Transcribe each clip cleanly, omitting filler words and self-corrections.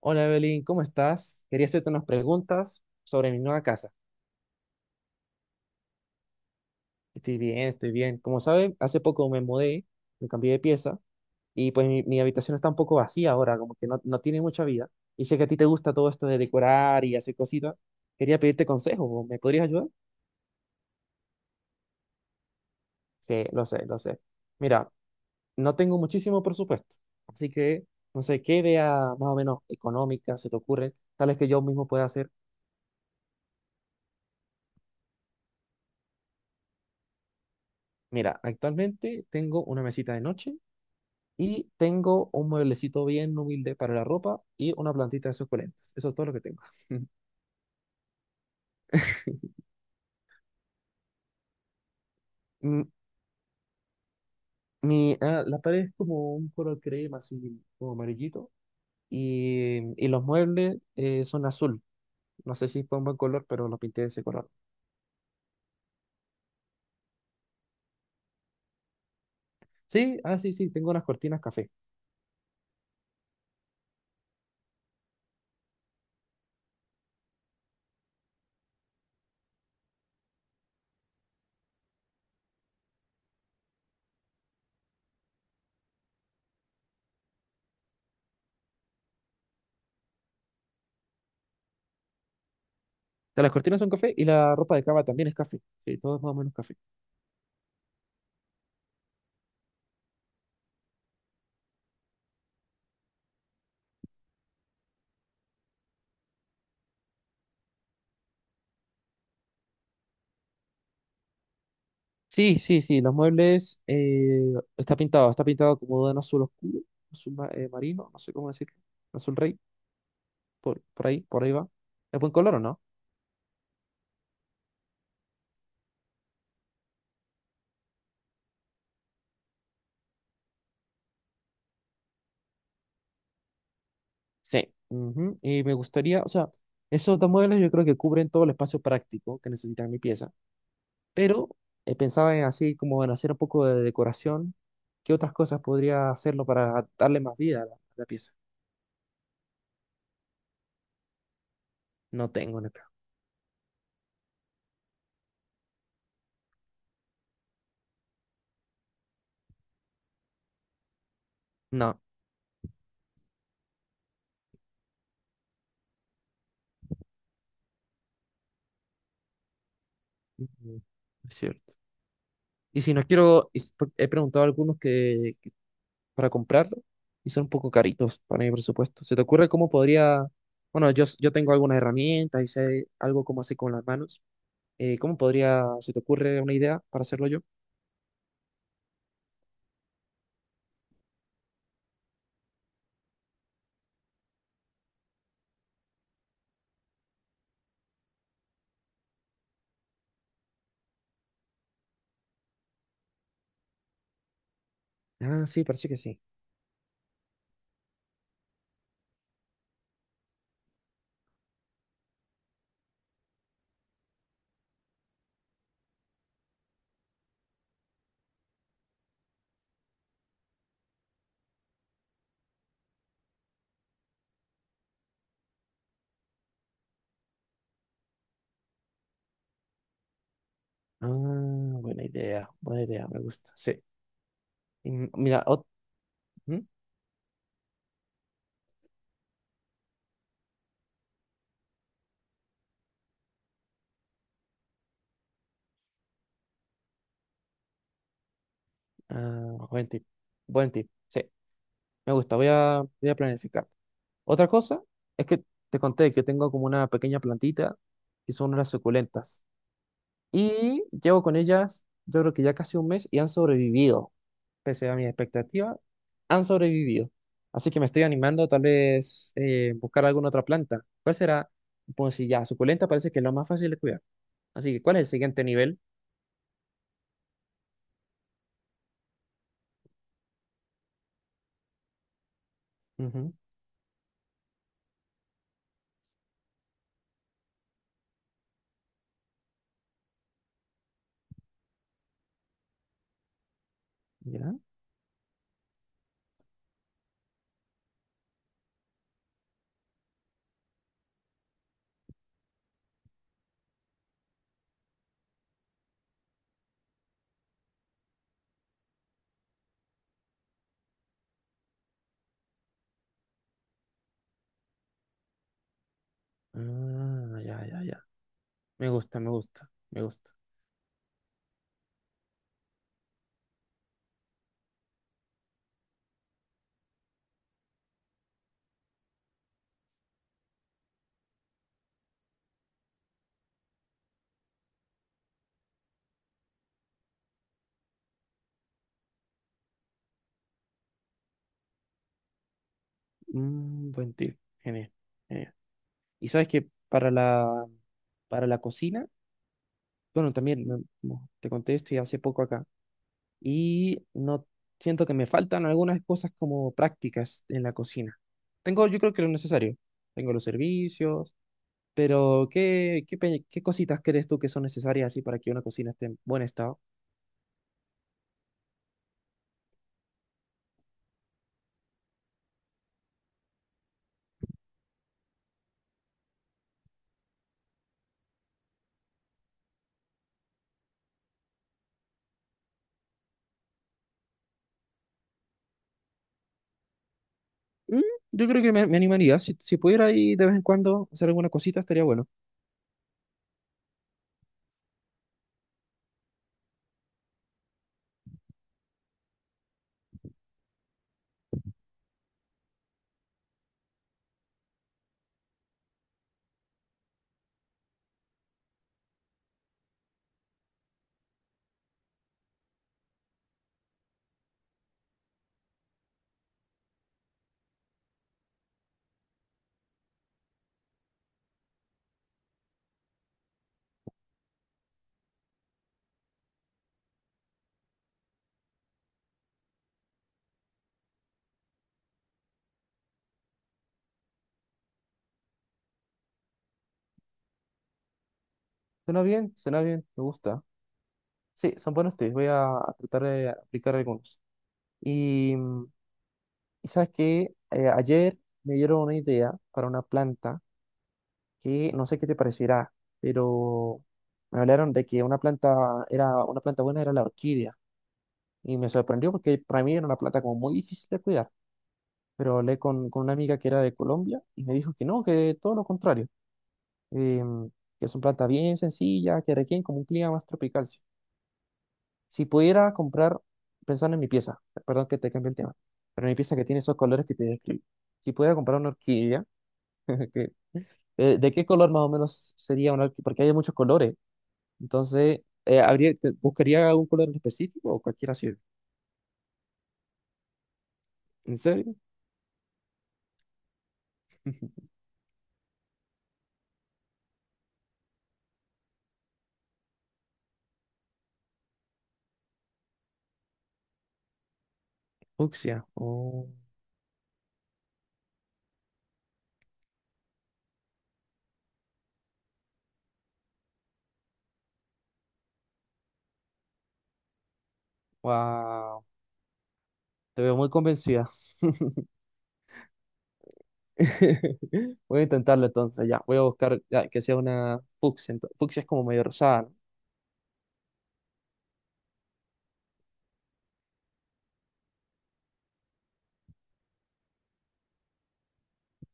Hola Evelyn, ¿cómo estás? Quería hacerte unas preguntas sobre mi nueva casa. Estoy bien, estoy bien. Como saben, hace poco me mudé, me cambié de pieza y pues mi habitación está un poco vacía ahora, como que no, no tiene mucha vida. Y sé que a ti te gusta todo esto de decorar y hacer cositas. Quería pedirte consejo, ¿me podrías ayudar? Sí, lo sé, lo sé. Mira, no tengo muchísimo presupuesto, así que no sé qué idea más o menos económica se te ocurre, tal vez que yo mismo pueda hacer. Mira, actualmente tengo una mesita de noche y tengo un mueblecito bien humilde para la ropa y una plantita de suculentas. Eso es todo lo que tengo. Mm, la pared es como un color crema, así como amarillito. Y los muebles son azul. No sé si fue un buen color, pero los pinté de ese color. Sí, ah, sí, sí, tengo unas cortinas café. Ya, las cortinas son café y la ropa de cama también es café. Sí, todo es más o menos café. Sí, sí, sí, los muebles está pintado como de un azul oscuro, marino, no sé cómo decirlo, azul rey. Por ahí, por ahí va. ¿Es buen color o no? Sí. Ujú. Y me gustaría, o sea, esos dos modelos yo creo que cubren todo el espacio práctico que necesita mi pieza. Pero pensaba en así como en hacer un poco de decoración. ¿Qué otras cosas podría hacerlo para darle más vida a la pieza? No tengo, neta. No. Ujú. Es cierto. Y si no quiero, y s- por- He preguntado a algunos que, para comprarlo y son un poco caritos para mi presupuesto. ¿Se te ocurre cómo podría, bueno, yo tengo algunas herramientas y sé algo cómo hacer con las manos? ¿ Se te ocurre una idea para hacerlo yo? Ah, sí, parece que sí. Ah, buena idea, me gusta. Sí. Y m- mira, ot- ¿Mm? Ah, buen tip, buen tip. Sí, me gusta, voy a planificar. Otra cosa es que te conté que tengo como una pequeña plantita que son unas suculentas. Y llevo con ellas, yo creo que ya casi un mes y han sobrevivido. Pese a mis expectativas, han sobrevivido. Así que me estoy animando tal vez buscar alguna otra planta. ¿Cuál será? Pues si ya, suculenta parece que es lo más fácil de cuidar. Así que, ¿cuál es el siguiente nivel? Ujú, ¿ya? Ah, ya, ya, ya. Me gusta, me gusta, me gusta. Mm, buen tip. Genial, genial. Y sabes que para la cocina, bueno, como te conté esto ya hace poco acá. Y no siento que me faltan algunas cosas como prácticas en la cocina. Tengo, yo creo que lo necesario. Tengo los servicios, pero ¿ qué cositas crees tú que son necesarias así para que una cocina esté en buen estado? Mm, yo creo que me animaría. Si pudiera ir de vez en cuando hacer alguna cosita, estaría bueno. Suena bien, me gusta. Sí, son buenos tips. Voy a tratar de aplicar algunos. Y, mm, y sabes que ayer me dieron una idea para una planta que no sé qué te parecerá, pero me hablaron de que una planta era una planta buena era la orquídea y me sorprendió porque para mí era una planta como muy difícil de cuidar, pero hablé con una amiga que era de Colombia y me dijo que no, que todo lo contrario, em, que es una planta bien sencilla, que requiere como un clima más tropical. Si, si pudiera comprar, pensando en mi pieza, perdón que te cambie el tema, pero mi pieza que tiene esos colores que te describí, si pudiera comprar una orquídea, que, ¿de qué color más o menos sería una orquídea? Porque hay muchos colores. Entonces, ¿buscaría algún color en específico o cualquiera sirve? ¿En serio? Fucsia. Oh, wow. Te veo muy convencida. Voy a intentarlo entonces, ya. Voy a buscar ya, que sea una fucsia. Fucsia es como medio rosada, ¿no?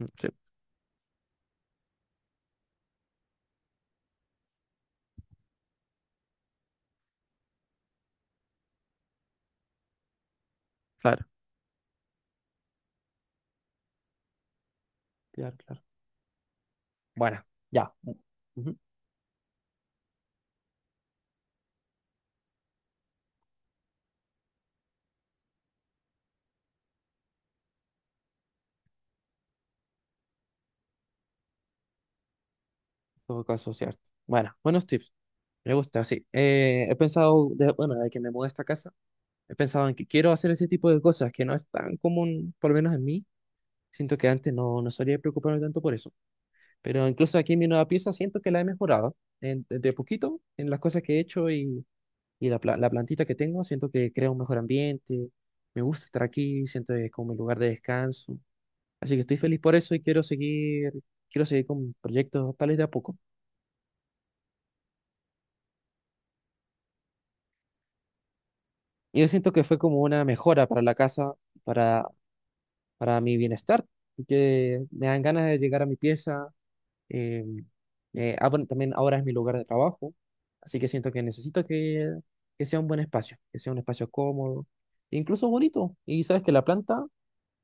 Mm, sí, claro, claro, claro. Bueno, ya. Ujú, en todo caso, cierto. Bueno, buenos tips. Me gusta, sí. He pensado, de, bueno, de que me mudé a esta casa, he pensado en que quiero hacer ese tipo de cosas que no es tan común, por lo menos en mí. Siento que antes no, no solía preocuparme tanto por eso. Pero incluso aquí en mi nueva pieza siento que la he mejorado de poquito en las cosas que he hecho y la plantita que tengo. Siento que crea un mejor ambiente. Me gusta estar aquí, siento que es como mi lugar de descanso. Así que estoy feliz por eso y quiero seguir con proyectos tales de a poco. Y yo siento que fue como una mejora para la casa, para, para mi bienestar, que me dan ganas de llegar a mi pieza. Eh, bueno, también ahora es mi lugar de trabajo, así que siento que necesito que sea un buen espacio, que sea un espacio cómodo, e incluso bonito. Y sabes que la planta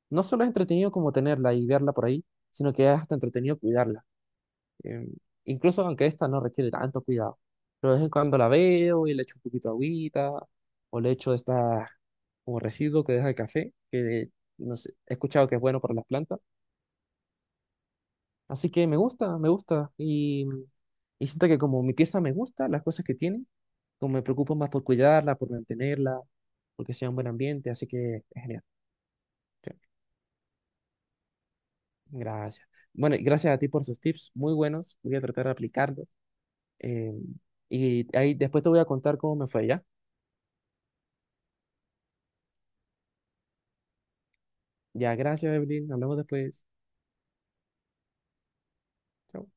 no solo es entretenido como tenerla y verla por ahí, sino que es hasta entretenido cuidarla. Em, Incluso aunque esta no requiere tanto cuidado. Pero de vez en cuando la veo y le echo un poquito de agüita, o le echo esta como residuo que deja el café, que no sé, he escuchado que es bueno para las plantas. Así que me gusta, me gusta. Y siento que como mi pieza me gusta, las cosas que tiene, como me preocupo más por cuidarla, por mantenerla, porque sea un buen ambiente, así que es genial. Sí, gracias. Bueno, y gracias a ti por sus tips, muy buenos, voy a tratar de aplicarlos. eh, y ahí después te voy a contar cómo me fue, ¿ya? Ya, gracias, Evelyn, hablamos después. Chao.